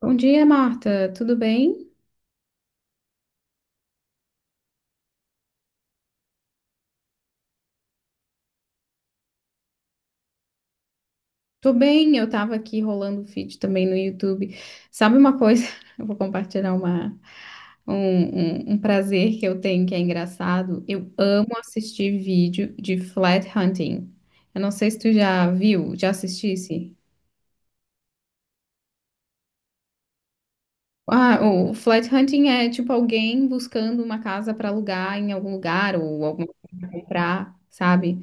Bom dia, Marta. Tudo bem? Tô bem, eu tava aqui rolando o feed também no YouTube. Sabe uma coisa? Eu vou compartilhar uma, um prazer que eu tenho que é engraçado. Eu amo assistir vídeo de flat hunting. Eu não sei se tu já viu, já assistisse. Ah, o flat hunting é tipo alguém buscando uma casa para alugar em algum lugar ou alguma coisa pra comprar, sabe?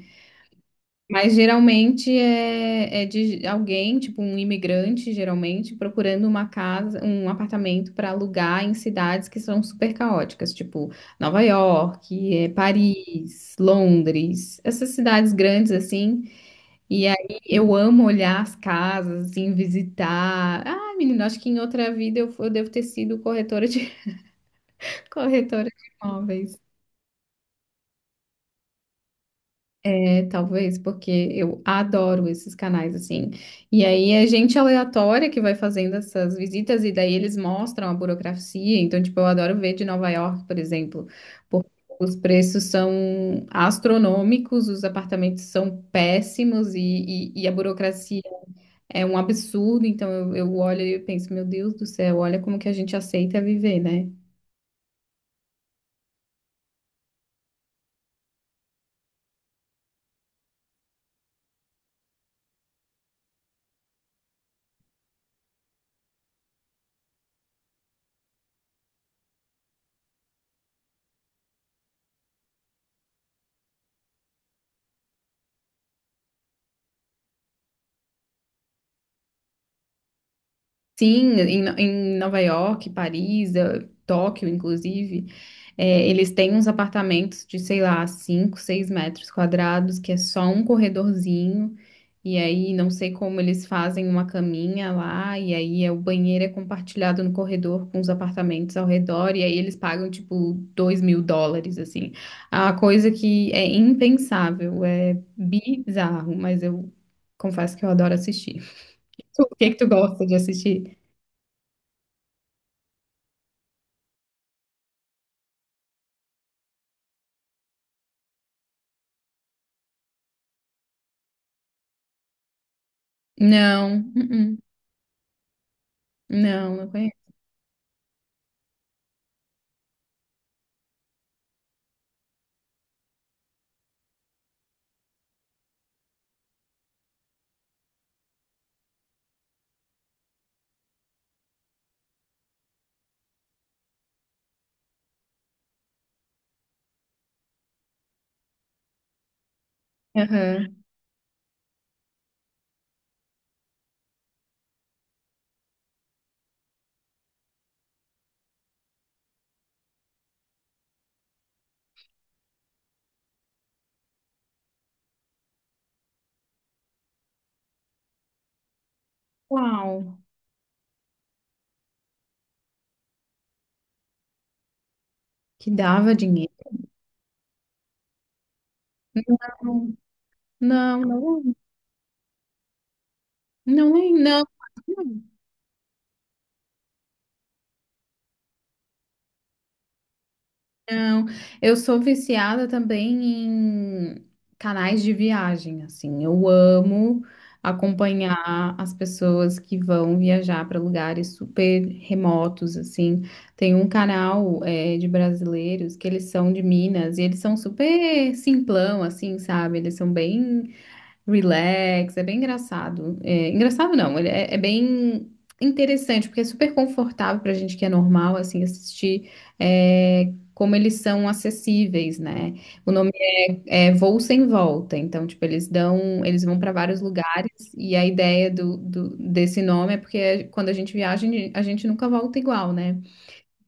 Mas geralmente é de alguém, tipo um imigrante, geralmente, procurando uma casa, um apartamento para alugar em cidades que são super caóticas, tipo Nova York, Paris, Londres, essas cidades grandes assim. E aí eu amo olhar as casas, assim, visitar. Ah, menina, acho que em outra vida eu devo ter sido corretora de corretora de imóveis. Talvez, porque eu adoro esses canais, assim. E aí é gente aleatória que vai fazendo essas visitas, e daí eles mostram a burocracia. Então, tipo, eu adoro ver de Nova York, por exemplo, porque os preços são astronômicos, os apartamentos são péssimos e a burocracia é um absurdo. Então, eu olho e eu penso, meu Deus do céu, olha como que a gente aceita viver, né? Sim, em Nova York, Paris, Tóquio, inclusive. É, eles têm uns apartamentos de, sei lá, 5, 6 metros quadrados, que é só um corredorzinho, e aí não sei como eles fazem uma caminha lá, e aí é, o banheiro é compartilhado no corredor com os apartamentos ao redor, e aí eles pagam tipo 2 mil dólares, assim. É uma coisa que é impensável, é bizarro, mas eu confesso que eu adoro assistir. O que que tu gosta de assistir? Não, uh-uh, não, não conheço. Aham. Uau, que dava dinheiro. Não, não, não, não, não, não. não. Eu sou viciada também em canais de viagem, assim. Eu amo acompanhar as pessoas que vão viajar para lugares super remotos, assim. Tem um canal é, de brasileiros que eles são de Minas e eles são super simplão, assim, sabe? Eles são bem Relax, é bem engraçado. É, engraçado não, ele é bem interessante, porque é super confortável pra gente que é normal, assim, assistir é, como eles são acessíveis, né? O nome é Voo Sem Volta, então, tipo, eles dão, eles vão pra vários lugares, e a ideia desse nome é porque quando a gente viaja, a gente nunca volta igual, né?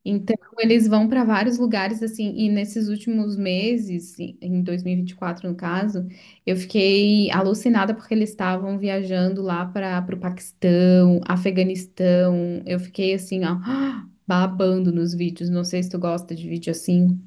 Então, eles vão para vários lugares, assim, e nesses últimos meses, em 2024, no caso, eu fiquei alucinada porque eles estavam viajando lá para o Paquistão, Afeganistão. Eu fiquei assim, ó, babando nos vídeos. Não sei se tu gosta de vídeo assim.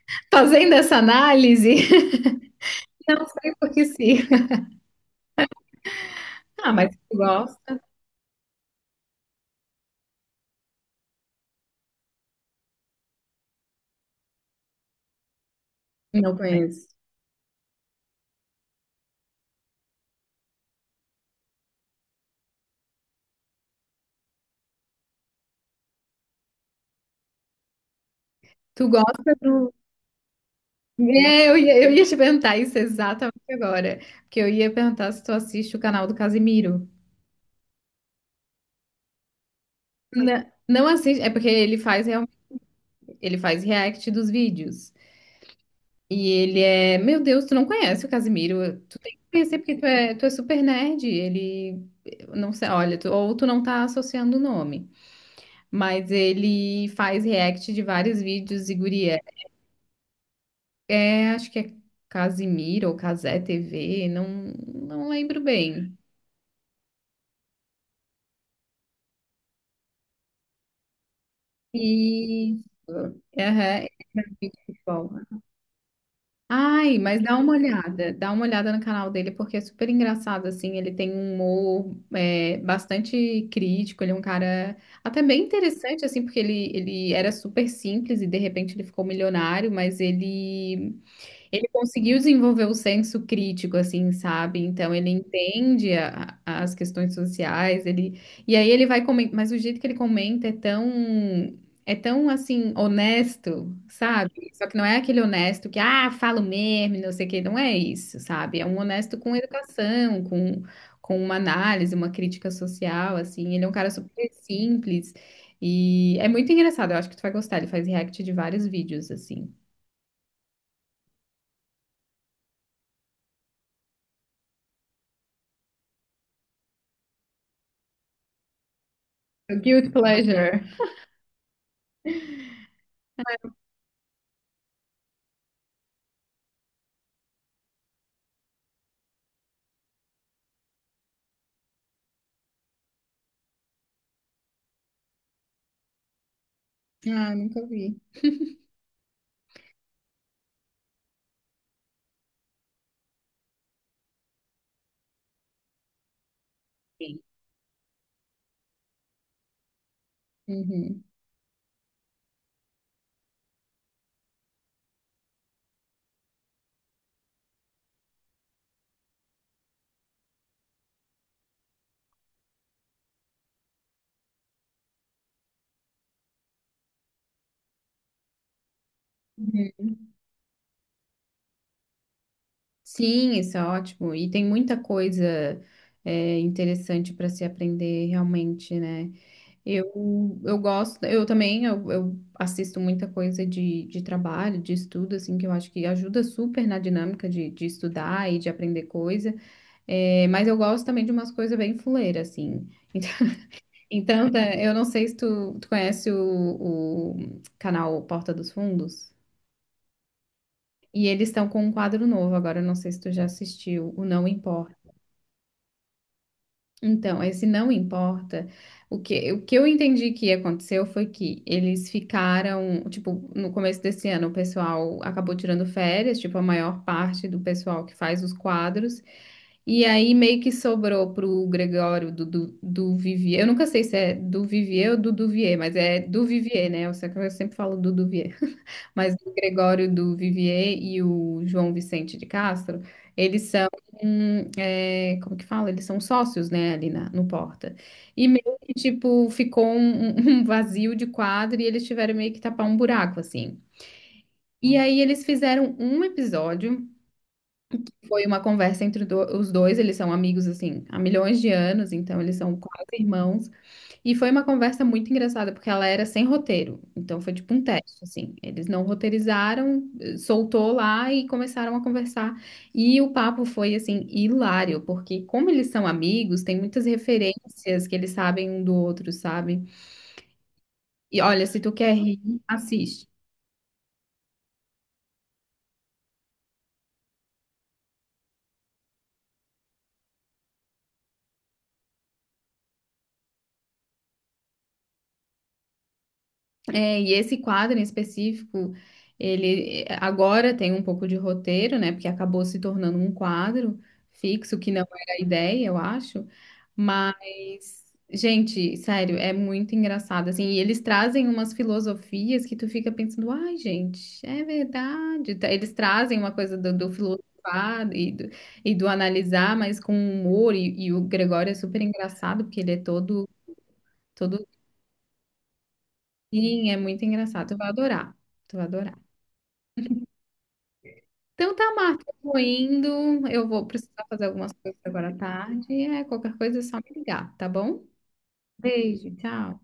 Fazendo essa análise, não sei por que sim. Ah, mas tu gosta? Não conheço. Tu gosta do. É, eu ia te perguntar isso exatamente agora. Porque eu ia perguntar se tu assiste o canal do Casimiro. Não, não assiste, é porque ele faz ele faz react dos vídeos. E ele é, meu Deus, tu não conhece o Casimiro, tu tem que conhecer porque tu é super nerd, ele não sei, olha, ou tu não tá associando o nome, mas ele faz react de vários vídeos e guria, acho que é Casimiro ou Casé TV, não lembro bem. E aham, é muito bom. Ai, mas dá uma olhada no canal dele, porque é super engraçado, assim, ele tem um humor é, bastante crítico, ele é um cara até bem interessante, assim, porque ele era super simples e de repente ele ficou milionário, mas ele ele conseguiu desenvolver o senso crítico, assim, sabe? Então ele entende as questões sociais, ele e aí ele vai comentar, mas o jeito que ele comenta é tão assim honesto, sabe? Só que não é aquele honesto que ah, falo mesmo, não sei o quê, não é isso, sabe? É um honesto com educação, com uma análise, uma crítica social, assim. Ele é um cara super simples e é muito engraçado. Eu acho que tu vai gostar. Ele faz react de vários vídeos, assim. O Guilty Pleasure. Ah, nunca vi. Sim. Uhum. Uhum. Sim, isso é ótimo. E tem muita coisa é, interessante para se aprender realmente, né? Eu também eu assisto muita coisa de trabalho, de estudo, assim, que eu acho que ajuda super na dinâmica de estudar e de aprender coisa. É, mas eu gosto também de umas coisas bem fuleiras, assim. Tá, eu não sei se tu conhece o canal Porta dos Fundos. E eles estão com um quadro novo agora, eu não sei se tu já assistiu, o Não Importa. Então, esse Não Importa, o que eu entendi que aconteceu foi que eles ficaram, tipo, no começo desse ano o pessoal acabou tirando férias, tipo, a maior parte do pessoal que faz os quadros, e aí meio que sobrou pro Gregório do Vivier, eu nunca sei se é do Vivier ou do Duvier, mas é do Vivier, né? Eu sei que eu sempre falo do Duvier. Mas o Gregório do Vivier e o João Vicente de Castro, eles são, é, como que fala? Eles são sócios, né, ali na, no Porta. E meio que, tipo, ficou um, um vazio de quadro e eles tiveram meio que tapar um buraco, assim. E aí eles fizeram um episódio, foi uma conversa entre os dois, eles são amigos, assim, há milhões de anos, então eles são quase irmãos. E foi uma conversa muito engraçada, porque ela era sem roteiro. Então foi tipo um teste, assim. Eles não roteirizaram, soltou lá e começaram a conversar. E o papo foi, assim, hilário, porque como eles são amigos, tem muitas referências que eles sabem um do outro, sabe? E olha, se tu quer rir, assiste. É, e esse quadro em específico, ele agora tem um pouco de roteiro, né? Porque acabou se tornando um quadro fixo, que não era a ideia, eu acho. Mas, gente, sério, é muito engraçado, assim. E eles trazem umas filosofias que tu fica pensando, ai, gente, é verdade. Tá, eles trazem uma coisa do, do filosofar e do analisar, mas com humor. E o Gregório é super engraçado, porque ele é todo. Todo Sim, é muito engraçado. Tu vai adorar. Tu vai adorar. Então tá, Marta, eu vou indo. Eu vou precisar fazer algumas coisas agora à tarde. É, qualquer coisa é só me ligar, tá bom? Beijo, tchau.